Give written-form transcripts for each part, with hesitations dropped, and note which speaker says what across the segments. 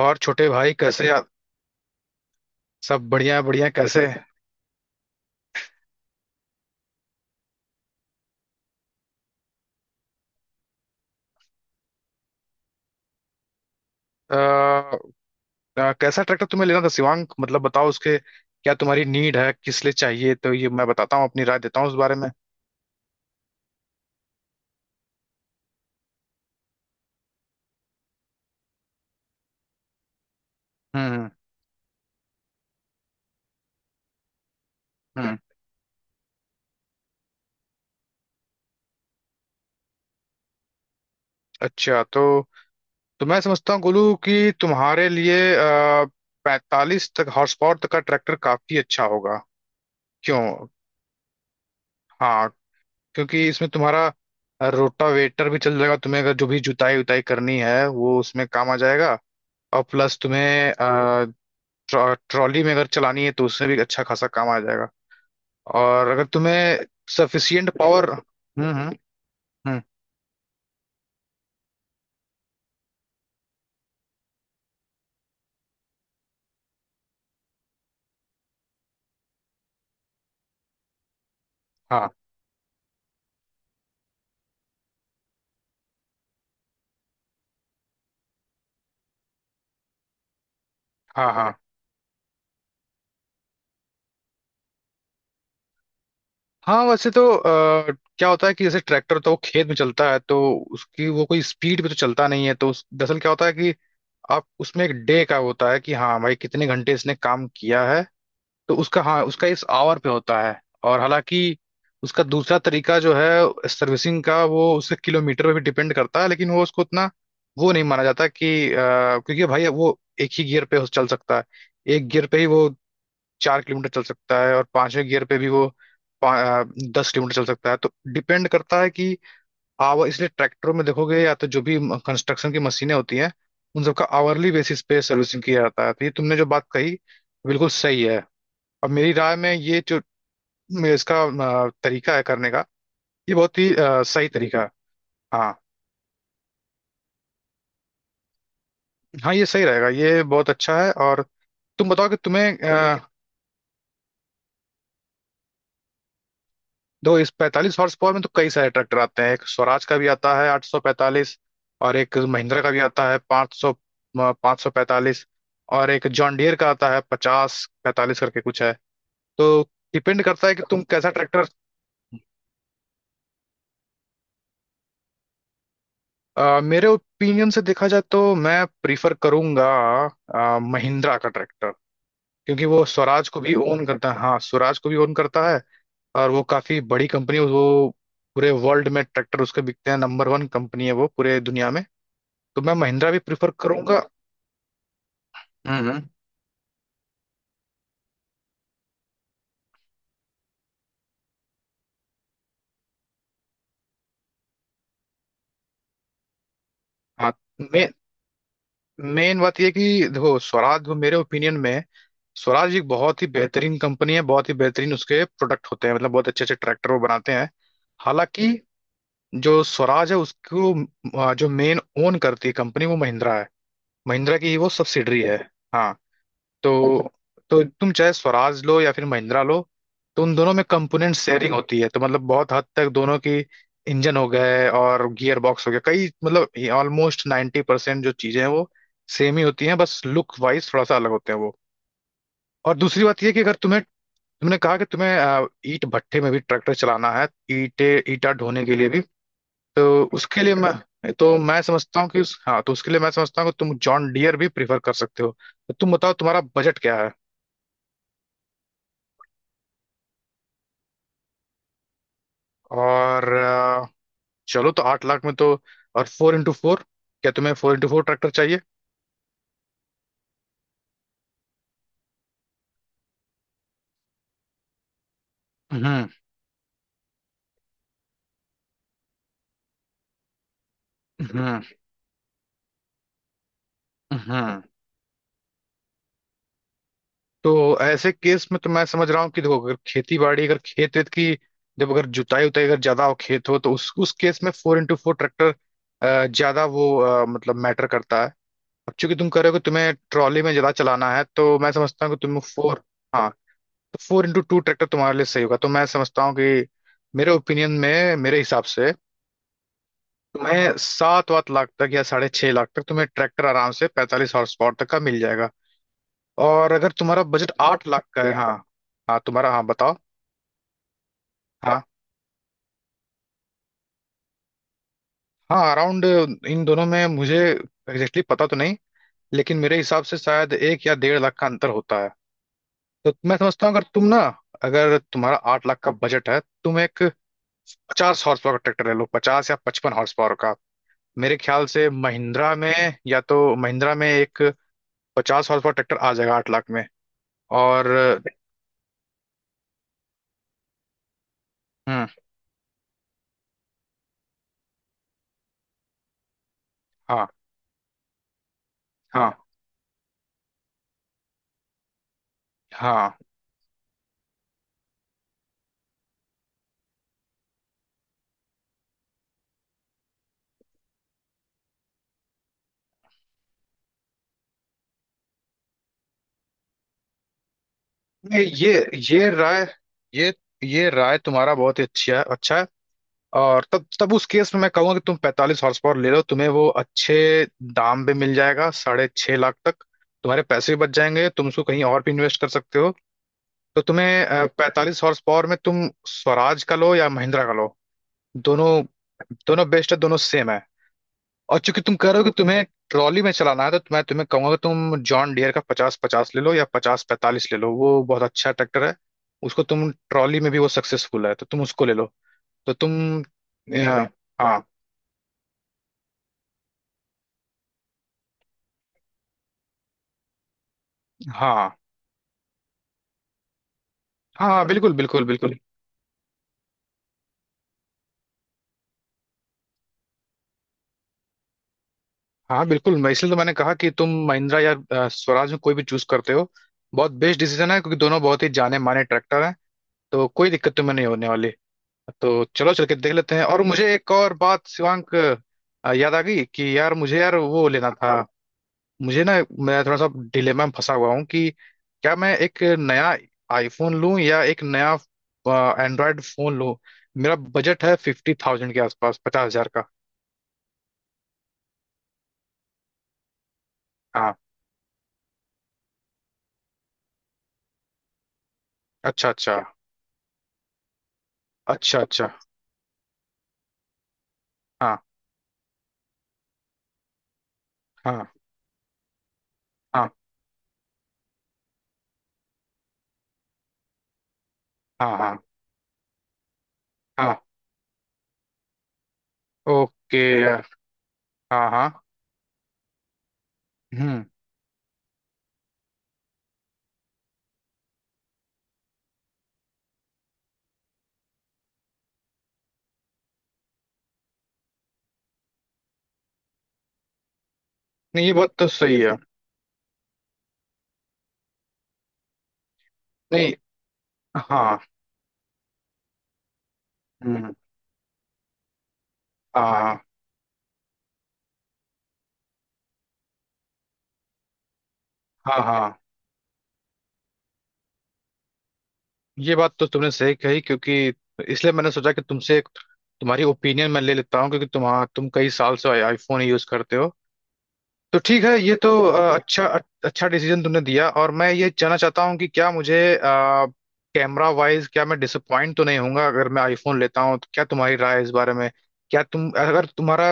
Speaker 1: और छोटे भाई कैसे सब बढ़िया है, कैसे आ, कैसा ट्रैक्टर तुम्हें लेना था शिवांग? मतलब बताओ उसके, क्या तुम्हारी नीड है, किस लिए चाहिए, तो ये मैं बताता हूँ, अपनी राय देता हूँ उस बारे में। हम्म हम्म। अच्छा तो मैं समझता हूँ गोलू कि तुम्हारे लिए 45 तक हॉर्स पावर तक का ट्रैक्टर काफी अच्छा होगा। क्यों? हाँ। क्योंकि इसमें तुम्हारा रोटावेटर भी चल जाएगा, तुम्हें अगर जो भी जुताई उताई करनी है वो उसमें काम आ जाएगा। और प्लस तुम्हें ट्रॉली में अगर चलानी है तो उसमें भी अच्छा खासा काम आ जाएगा। और अगर तुम्हें सफिशियंट पावर। हम्म, हाँ हाँ हाँ। हाँ वैसे तो क्या होता है कि जैसे ट्रैक्टर तो वो खेत में चलता है, तो उसकी वो कोई स्पीड पे तो चलता नहीं है, तो दरअसल क्या होता है कि आप उसमें एक डे का होता है कि हाँ भाई कितने घंटे इसने काम किया है, तो उसका हाँ, उसका इस आवर पे होता है। और हालांकि उसका दूसरा तरीका जो है सर्विसिंग का वो उसके किलोमीटर पे भी डिपेंड करता है, लेकिन वो उसको उतना वो नहीं माना जाता कि क्योंकि भाई वो एक ही गियर पे चल सकता है, एक गियर पे ही वो 4 किलोमीटर चल सकता है और पांचवें गियर पे भी वो पा- अ, 10 किलोमीटर चल सकता है। तो डिपेंड करता है कि आवर, इसलिए ट्रैक्टरों में देखोगे या तो जो भी कंस्ट्रक्शन की मशीनें होती हैं उन सबका आवरली बेसिस पे सर्विसिंग किया जाता है। तो ये तुमने जो बात कही बिल्कुल सही है। और मेरी राय में ये जो इसका तरीका है करने का, ये बहुत ही सही तरीका है। हाँ। हाँ ये सही रहेगा, ये बहुत अच्छा है। और तुम बताओ कि तुम्हें दो इस 45 हॉर्स पावर में तो कई सारे ट्रैक्टर आते हैं। एक स्वराज का भी आता है 845, और एक महिंद्रा का भी आता है 500, 545। और एक जॉन डियर का आता है 50-45 करके कुछ है। तो डिपेंड करता है कि तुम कैसा ट्रैक्टर। मेरे ओपिनियन से देखा जाए तो मैं प्रीफर करूंगा महिंद्रा का ट्रैक्टर, क्योंकि वो स्वराज को भी ओन करता है, हाँ स्वराज को भी ओन करता है। और वो काफी बड़ी कंपनी, वो पूरे वर्ल्ड में ट्रैक्टर उसके बिकते हैं, नंबर वन कंपनी है वो पूरे दुनिया में। तो मैं महिंद्रा भी प्रिफर करूंगा। हम्म हम्म। हाँ। मे, मेन बात यह है कि देखो स्वराज वो मेरे ओपिनियन में स्वराज एक बहुत ही बेहतरीन कंपनी है, बहुत ही बेहतरीन उसके प्रोडक्ट होते हैं, मतलब बहुत अच्छे अच्छे ट्रैक्टर वो बनाते हैं। हालांकि जो स्वराज है उसको जो मेन ओन करती है कंपनी वो महिंद्रा है, महिंद्रा की ही वो सब्सिडरी है। हाँ। तो तुम चाहे स्वराज लो या फिर महिंद्रा लो, तो उन दोनों में कंपोनेंट शेयरिंग होती है, तो मतलब बहुत हद तक दोनों की इंजन हो गए और गियर बॉक्स हो गया, कई मतलब ऑलमोस्ट 90% जो चीजें हैं वो सेम ही होती हैं, बस लुक वाइज थोड़ा सा अलग होते हैं वो। और दूसरी बात ये है कि अगर तुम्हें, तुमने कहा कि तुम्हें ईंट भट्ठे में भी ट्रैक्टर चलाना है, ईंटे ईंटा ढोने के लिए भी, तो उसके लिए मैं तो मैं समझता हूँ कि हाँ तो उसके लिए मैं समझता हूँ कि तुम जॉन डियर भी प्रीफर कर सकते हो। तो तुम बताओ तुम्हारा बजट क्या। और चलो तो 8 लाख में तो, और फोर इंटू फोर, क्या तुम्हें फोर इंटू फोर ट्रैक्टर चाहिए? हम्म हम्म हम्म। तो ऐसे केस में तो मैं समझ रहा हूँ कि देखो अगर खेती बाड़ी अगर खेत वेत की, जब अगर जुताई उताई अगर ज्यादा हो खेत हो तो उस केस में फोर इंटू फोर ट्रैक्टर ज्यादा वो मतलब मैटर करता है। अब चूंकि तुम कह रहे हो कि तुम्हें ट्रॉली में ज्यादा चलाना है तो मैं समझता हूँ कि तुम फोर, हाँ तो फोर इंटू टू ट्रैक्टर तुम्हारे लिए सही होगा। तो मैं समझता हूँ कि मेरे ओपिनियन में मेरे हिसाब से तुम्हें सात वात लाख तक या 6.5 लाख तक तुम्हें ट्रैक्टर आराम से 45 हॉर्स पावर तक का मिल जाएगा। और अगर तुम्हारा बजट 8 लाख का है, हाँ, हाँ तुम्हारा, हाँ बताओ। हाँ हाँ अराउंड, इन दोनों में मुझे एग्जैक्टली पता तो नहीं, लेकिन मेरे हिसाब से शायद 1 या 1.5 लाख का अंतर होता है। तो मैं समझता हूँ अगर तुम ना, अगर तुम्हारा 8 लाख का बजट है तुम एक 50 हॉर्स पावर का ट्रैक्टर ले लो, 50 या 55 हॉर्स पावर का। मेरे ख्याल से महिंद्रा में या तो महिंद्रा में एक 50 हॉर्स पावर ट्रैक्टर आ जाएगा 8 लाख में। और हम्म, हाँ हाँ हाँ। ये ये ये राय, ये ये राय तुम्हारा बहुत ही अच्छा है, अच्छा है। और तब तब उस केस में मैं कहूंगा कि तुम 45 हॉर्स पावर ले लो, तुम्हें वो अच्छे दाम पे मिल जाएगा 6.5 लाख तक। तुम्हारे पैसे भी बच जाएंगे, तुम उसको कहीं और भी इन्वेस्ट कर सकते हो। तो तुम्हें 45 हॉर्स पावर में तुम स्वराज का लो या महिंद्रा का लो, दोनों दोनों बेस्ट है, दोनों सेम है। और चूंकि तुम कह रहे हो कि तो तुम्हें ट्रॉली में चलाना है तो मैं तुम्हें कहूंगा कि तुम जॉन डियर का पचास पचास ले लो या 50-45 ले लो, वो बहुत अच्छा ट्रैक्टर है। उसको तुम ट्रॉली में भी वो सक्सेसफुल है तो तुम उसको ले लो, तो तुम। हाँ हाँ हाँ हाँ हाँ, बिल्कुल बिल्कुल बिल्कुल। हाँ बिल्कुल, मैं इसलिए तो मैंने कहा कि तुम महिंद्रा या स्वराज में कोई भी चूज करते हो बहुत बेस्ट डिसीजन है, क्योंकि दोनों बहुत ही जाने माने ट्रैक्टर हैं, तो कोई दिक्कत तुम्हें नहीं होने वाली। तो चलो चल के देख लेते हैं। और मुझे एक और बात शिवांक याद आ गई कि यार, मुझे यार वो लेना था। मुझे ना, मैं थोड़ा सा डिलेमा में फंसा हुआ हूँ कि क्या मैं एक नया आईफोन लूं या एक नया एंड्रॉयड फोन लूं। मेरा बजट है 50,000 के आसपास, 50,000 का। हाँ। अच्छा अच्छा। अच्छा अच्छा। हाँ हाँ हाँ हाँ हाँ हाँ। ओके यार। हाँ हाँ। हम्म। नहीं ये बात तो सही है। नहीं। हाँ। हम्म। हाँ हाँ हाँ हाँ। ये बात तो तुमने सही कही, क्योंकि इसलिए मैंने सोचा कि तुमसे एक तुम्हारी ओपिनियन मैं ले लेता हूँ, क्योंकि तुम कई साल से आईफोन यूज करते हो। तो ठीक है, ये तो अच्छा, अच्छा डिसीजन तुमने दिया। और मैं ये जानना चाहता हूँ कि क्या मुझे कैमरा वाइज क्या मैं डिसअपॉइंट तो नहीं होऊंगा अगर मैं आईफोन लेता हूँ? तो क्या तुम्हारी राय है इस बारे में? क्या तुम, अगर तुम्हारा,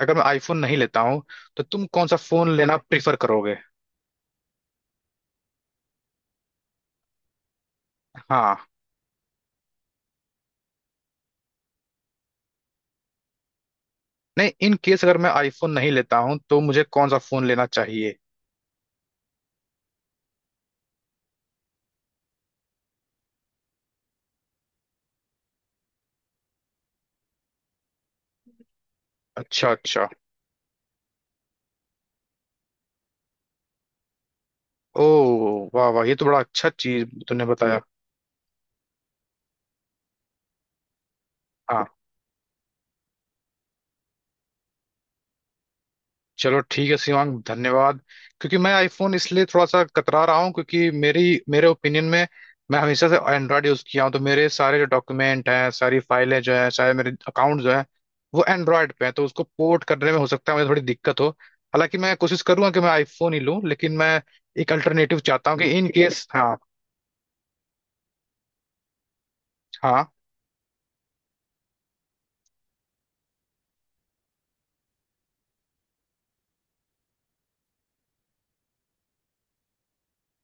Speaker 1: अगर मैं आईफोन नहीं लेता हूँ तो तुम कौन सा फोन लेना प्रिफर करोगे? हाँ। नहीं, इन केस अगर मैं आईफोन नहीं लेता हूँ तो मुझे कौन सा फोन लेना चाहिए? अच्छा अच्छा। ओ, वाह वाह, ये तो बड़ा अच्छा चीज तुमने बताया। हाँ। चलो ठीक है शिवांग, धन्यवाद। क्योंकि मैं आईफोन इसलिए थोड़ा सा कतरा रहा हूँ, क्योंकि मेरी मेरे ओपिनियन में मैं हमेशा से एंड्रॉयड यूज किया हूँ, तो मेरे सारे जो डॉक्यूमेंट हैं सारी फाइलें जो हैं सारे मेरे अकाउंट जो हैं वो एंड्रॉयड पे हैं, तो उसको पोर्ट करने में हो सकता है मुझे थोड़ी दिक्कत हो। हालांकि मैं कोशिश करूंगा कि मैं आईफोन ही लूँ, लेकिन मैं एक अल्टरनेटिव चाहता हूँ कि इन केस, हाँ। हाँ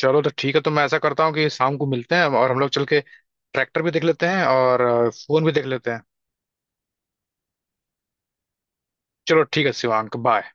Speaker 1: चलो तो ठीक है, तो मैं ऐसा करता हूँ कि शाम को मिलते हैं और हम लोग चल के ट्रैक्टर भी देख लेते हैं और फोन भी देख लेते हैं। चलो ठीक है शिवांक, बाय।